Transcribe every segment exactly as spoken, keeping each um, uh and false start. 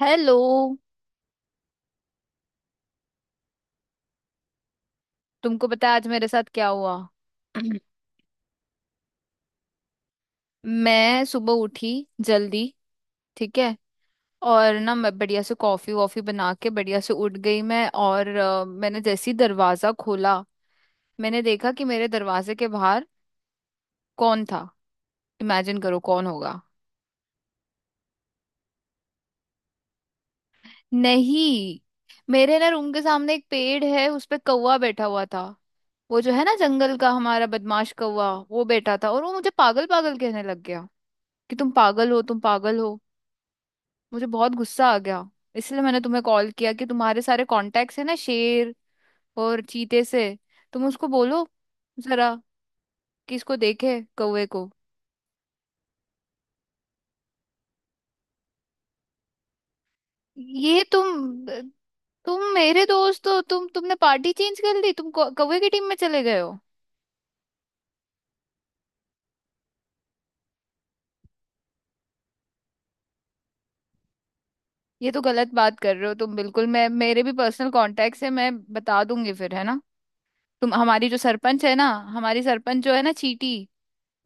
Hello. तुमको पता है आज मेरे साथ क्या हुआ? मैं सुबह उठी, जल्दी। ठीक है। और ना मैं बढ़िया से कॉफी वॉफी बना के बढ़िया से उठ गई मैं, और अ, मैंने जैसे ही दरवाजा खोला, मैंने देखा कि मेरे दरवाजे के बाहर कौन था। इमेजिन करो कौन होगा। नहीं। मेरे ना रूम के सामने एक पेड़ है, उस पे कौवा बैठा हुआ था। वो जो है ना, जंगल का हमारा बदमाश कौवा, वो बैठा था और वो मुझे पागल पागल कहने लग गया कि तुम पागल हो, तुम पागल हो। मुझे बहुत गुस्सा आ गया। इसलिए मैंने तुम्हें कॉल किया, कि तुम्हारे सारे कॉन्टेक्ट्स है ना शेर और चीते से, तुम उसको बोलो जरा कि इसको देखे, कौवे को। ये तुम तुम मेरे दोस्त हो, तुम तुमने पार्टी चेंज कर ली, तुम कौ- कौवे की टीम में चले गए हो। ये तो गलत बात कर रहे हो तुम बिल्कुल। मैं, मेरे भी पर्सनल कॉन्टेक्ट्स है, मैं बता दूंगी फिर, है ना। तुम, हमारी जो सरपंच है ना, हमारी सरपंच जो है ना चीटी,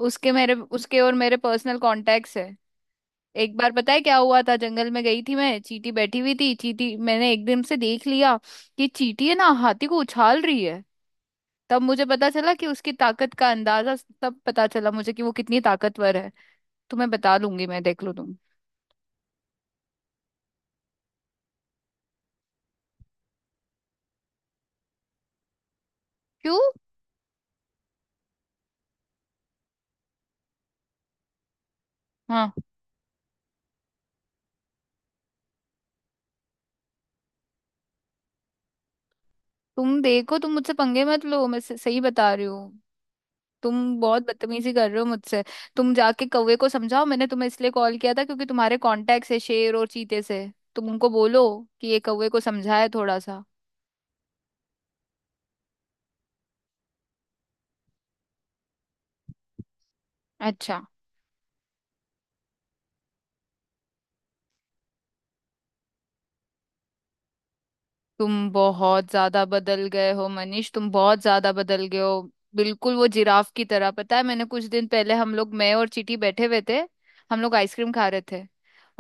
उसके, मेरे उसके और मेरे पर्सनल कॉन्टेक्ट्स है। एक बार पता है क्या हुआ था, जंगल में गई थी मैं, चींटी बैठी हुई थी, चींटी। मैंने एकदम से देख लिया कि चींटी है ना हाथी को उछाल रही है। तब मुझे पता चला कि उसकी ताकत का अंदाजा, तब पता चला मुझे कि वो कितनी ताकतवर है। तुम्हें बता लूंगी मैं, देख लो तुम। क्यों? हाँ। तुम देखो, तुम मुझसे पंगे मत लो, मैं स- सही बता रही हूँ। तुम बहुत बदतमीजी कर रहे हो मुझसे। तुम जाके कौवे को समझाओ, मैंने तुम्हें इसलिए कॉल किया था क्योंकि तुम्हारे कॉन्टेक्ट है शेर और चीते से, तुम उनको बोलो कि ये कौवे को समझाए थोड़ा सा। अच्छा। तुम बहुत ज्यादा बदल गए हो मनीष, तुम बहुत ज्यादा बदल गए हो, बिल्कुल वो जिराफ की तरह। पता है, मैंने कुछ दिन पहले, हम लोग, मैं और चीटी, बैठे हुए थे, हम लोग आइसक्रीम खा रहे थे,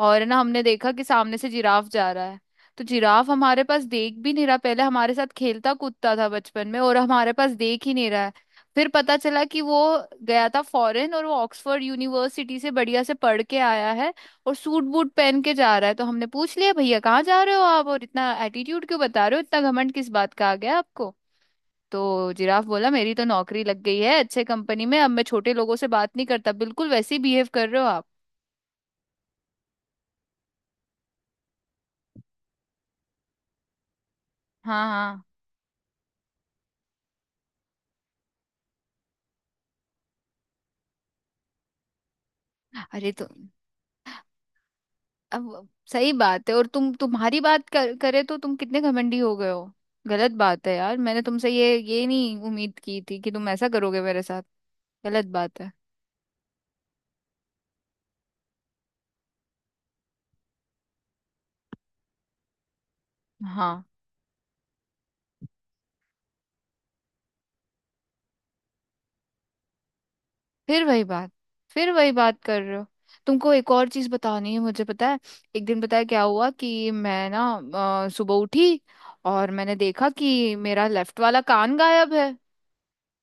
और ना हमने देखा कि सामने से जिराफ जा रहा है। तो जिराफ हमारे पास देख भी नहीं रहा, पहले हमारे साथ खेलता कूदता था बचपन में, और हमारे पास देख ही नहीं रहा है। फिर पता चला कि वो गया था फॉरेन और वो ऑक्सफोर्ड यूनिवर्सिटी से बढ़िया से पढ़ के आया है और सूट बूट पहन के जा रहा है। तो हमने पूछ लिया भैया कहाँ जा रहे हो आप, और इतना एटीट्यूड क्यों बता रहे हो, इतना घमंड किस बात का आ गया आपको। तो जिराफ बोला मेरी तो नौकरी लग गई है अच्छे कंपनी में, अब मैं छोटे लोगों से बात नहीं करता। बिल्कुल वैसे ही बिहेव कर रहे हो आप। हाँ हाँ। अरे तो अब, सही बात है, और तुम, तुम्हारी बात कर, करे तो तुम कितने घमंडी हो गए हो। गलत बात है यार, मैंने तुमसे ये ये नहीं उम्मीद की थी कि तुम ऐसा करोगे मेरे साथ। गलत बात है। हाँ। फिर वही बात, फिर वही बात कर रहे हो। तुमको एक और चीज बतानी है, मुझे पता है। एक दिन पता है क्या हुआ कि मैं ना अ, सुबह उठी और मैंने देखा कि मेरा लेफ्ट वाला कान गायब है।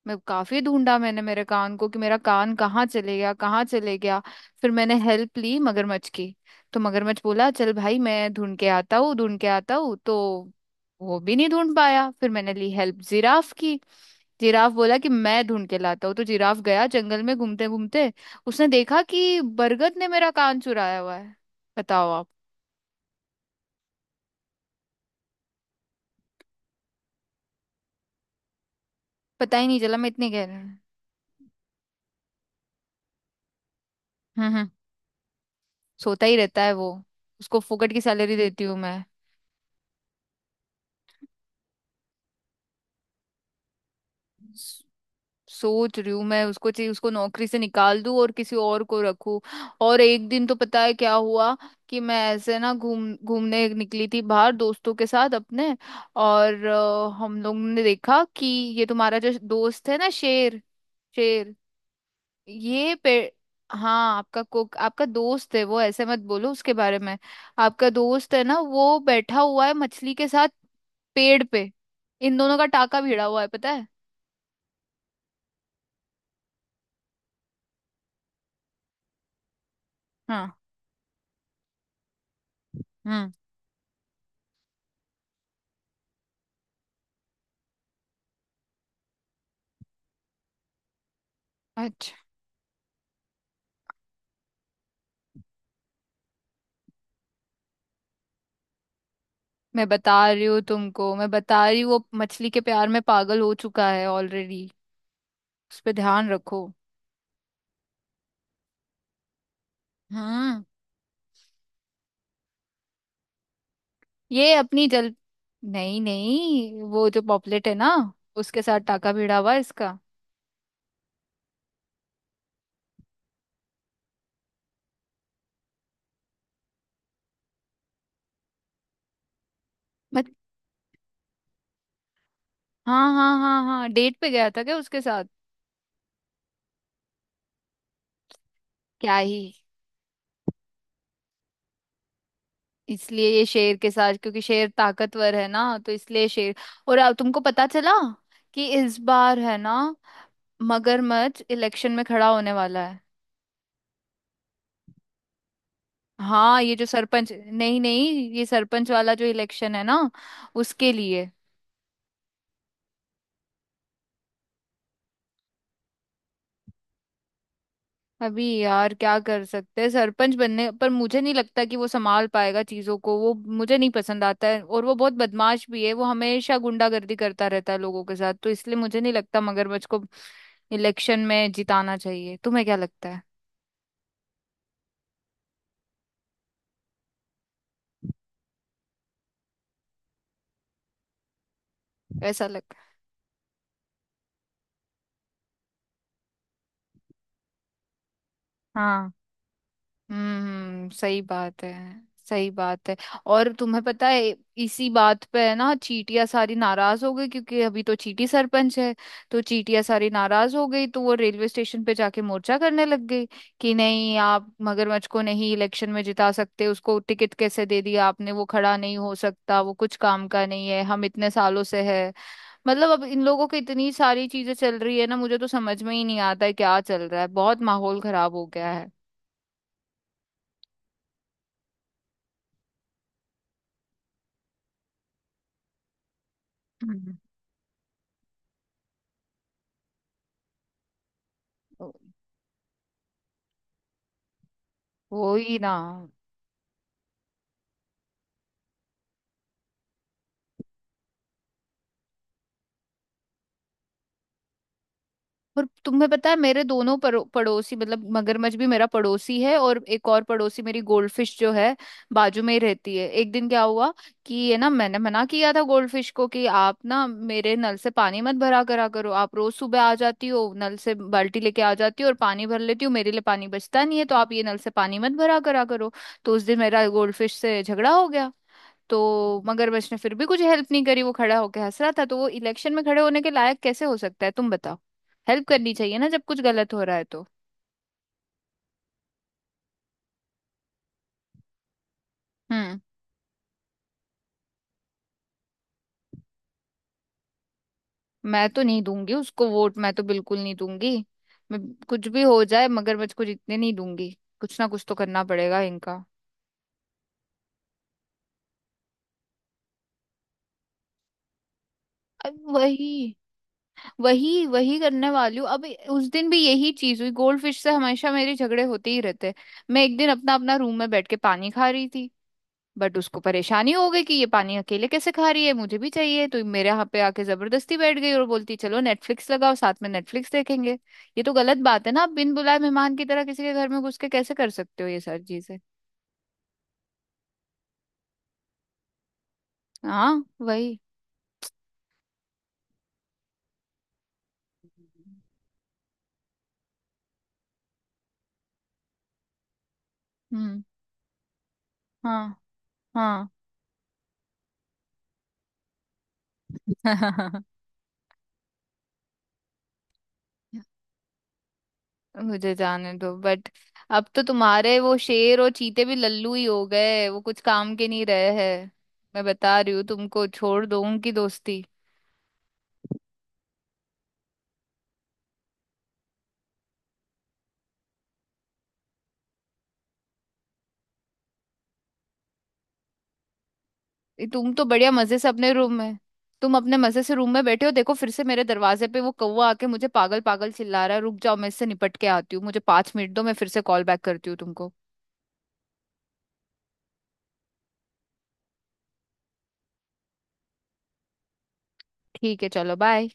मैं काफी ढूंढा मैंने मेरे कान को, कि मेरा कान कहाँ चले गया, कहाँ चले गया। फिर मैंने हेल्प ली मगरमच्छ की। तो मगरमच्छ बोला चल भाई मैं ढूंढ के आता हूँ, ढूंढ के आता हूँ। तो वो भी नहीं ढूंढ पाया। फिर मैंने ली हेल्प जिराफ की। जिराफ बोला कि मैं ढूंढ के लाता हूँ। तो जिराफ गया जंगल में, घूमते घूमते उसने देखा कि बरगद ने मेरा कान चुराया हुआ है। बताओ आप। पता ही नहीं चला, मैं इतनी कह रही हूँ। हम्म, हम्म, सोता ही रहता है वो, उसको फुकट की सैलरी देती हूँ मैं। सोच रही हूँ मैं, उसको चाहिए उसको नौकरी से निकाल दूं और किसी और को रखूं। और एक दिन तो पता है क्या हुआ कि मैं ऐसे ना घूम घूमने निकली थी बाहर दोस्तों के साथ अपने, और अ, हम लोग ने देखा कि ये तुम्हारा जो दोस्त है ना शेर, शेर, ये पे, हाँ आपका कुक आपका दोस्त है, वो ऐसे मत बोलो उसके बारे में। आपका दोस्त है ना, वो बैठा हुआ है मछली के साथ, पेड़ पे, इन दोनों का टाका भिड़ा हुआ है, पता है। हाँ। हम्म। मैं बता रही हूँ तुमको, मैं बता रही हूँ, वो मछली के प्यार में पागल हो चुका है ऑलरेडी। उस पे ध्यान रखो। हाँ। ये अपनी जल, नहीं नहीं, वो जो पॉपलेट है ना, उसके साथ टाका भिड़ा हुआ है इसका। मत। हाँ हाँ हाँ हाँ, डेट पे गया था क्या उसके साथ? क्या ही। इसलिए ये शेर के साथ, क्योंकि शेर ताकतवर है ना, तो इसलिए शेर। और अब तुमको पता चला कि इस बार है ना, मगरमच्छ इलेक्शन में खड़ा होने वाला है। हाँ, ये जो सरपंच, नहीं नहीं, ये सरपंच वाला जो इलेक्शन है ना, उसके लिए। अभी यार क्या कर सकते हैं। सरपंच बनने पर मुझे नहीं लगता कि वो संभाल पाएगा चीजों को, वो मुझे नहीं पसंद आता है और वो बहुत बदमाश भी है, वो हमेशा गुंडागर्दी करता रहता है लोगों के साथ, तो इसलिए मुझे नहीं लगता मगरमच्छ को इलेक्शन में जिताना चाहिए। तुम्हें क्या लगता है? ऐसा लग, हाँ। हम्म, सही बात है। सही बात है। और तुम्हें पता है, इसी बात पे है ना चीटियां सारी नाराज हो गई, क्योंकि अभी तो चीटी सरपंच है। तो चीटियां सारी नाराज हो गई, तो वो रेलवे स्टेशन पे जाके मोर्चा करने लग गई कि नहीं आप मगरमच्छ को नहीं इलेक्शन में जिता सकते, उसको टिकट कैसे दे दिया आपने, वो खड़ा नहीं हो सकता, वो कुछ काम का नहीं है, हम इतने सालों से है। मतलब अब इन लोगों की इतनी सारी चीजें चल रही है ना, मुझे तो समझ में ही नहीं आता है क्या चल रहा है, बहुत माहौल खराब हो गया है। हम्म। वो ही ना। और तुम्हें पता है, मेरे दोनों परो, पड़ोसी, मतलब मगरमच्छ भी मेरा पड़ोसी है और एक और पड़ोसी मेरी गोल्डफिश जो है, बाजू में ही रहती है। एक दिन क्या हुआ कि ये ना, मैंने मना किया था गोल्डफिश को कि आप ना मेरे नल से पानी मत भरा करा करो, आप रोज सुबह आ जाती हो, नल से बाल्टी लेके आ जाती हो और पानी भर लेती हो, मेरे लिए पानी बचता नहीं है, तो आप ये नल से पानी मत भरा करा करो। तो उस दिन मेरा गोल्डफिश से झगड़ा हो गया, तो मगरमच्छ ने फिर भी कुछ हेल्प नहीं करी, वो खड़ा होकर हंस रहा था। तो वो इलेक्शन में खड़े होने के लायक कैसे हो सकता है, तुम बताओ। हेल्प करनी चाहिए ना जब कुछ गलत हो रहा है तो। हम्म। मैं तो नहीं दूंगी उसको वोट, मैं तो बिल्कुल नहीं दूंगी। मैं कुछ भी हो जाए मगरमच्छ को जीतने नहीं दूंगी, कुछ ना कुछ तो करना पड़ेगा इनका। अब वही, वही वही करने वाली हूँ अब। उस दिन भी यही चीज हुई गोल्ड फिश से, हमेशा मेरे झगड़े होते ही रहते हैं। मैं एक दिन अपना अपना रूम में बैठ के पानी खा रही थी, बट उसको परेशानी हो गई कि ये पानी अकेले कैसे खा रही है, मुझे भी चाहिए, तो मेरे यहाँ पे आके जबरदस्ती बैठ गई और बोलती चलो नेटफ्लिक्स लगाओ, साथ में नेटफ्लिक्स देखेंगे। ये तो गलत बात है ना, आप बिन बुलाए मेहमान की तरह किसी के घर में घुस के कैसे कर सकते हो ये सारी चीजें। हाँ वही। हम्म। हाँ। हाँ। मुझे जाने दो बट अब तो तुम्हारे वो शेर और चीते भी लल्लू ही हो गए, वो कुछ काम के नहीं रहे हैं। मैं बता रही हूँ तुमको, छोड़ दो उनकी दोस्ती। ये तुम तो बढ़िया मजे से अपने रूम में, तुम अपने मजे से रूम में बैठे हो, देखो फिर से मेरे दरवाजे पे वो कौवा आके मुझे पागल पागल चिल्ला रहा है। रुक जाओ, मैं इससे निपट के आती हूँ, मुझे पांच मिनट दो, मैं फिर से कॉल बैक करती हूँ तुमको। ठीक है, चलो बाय।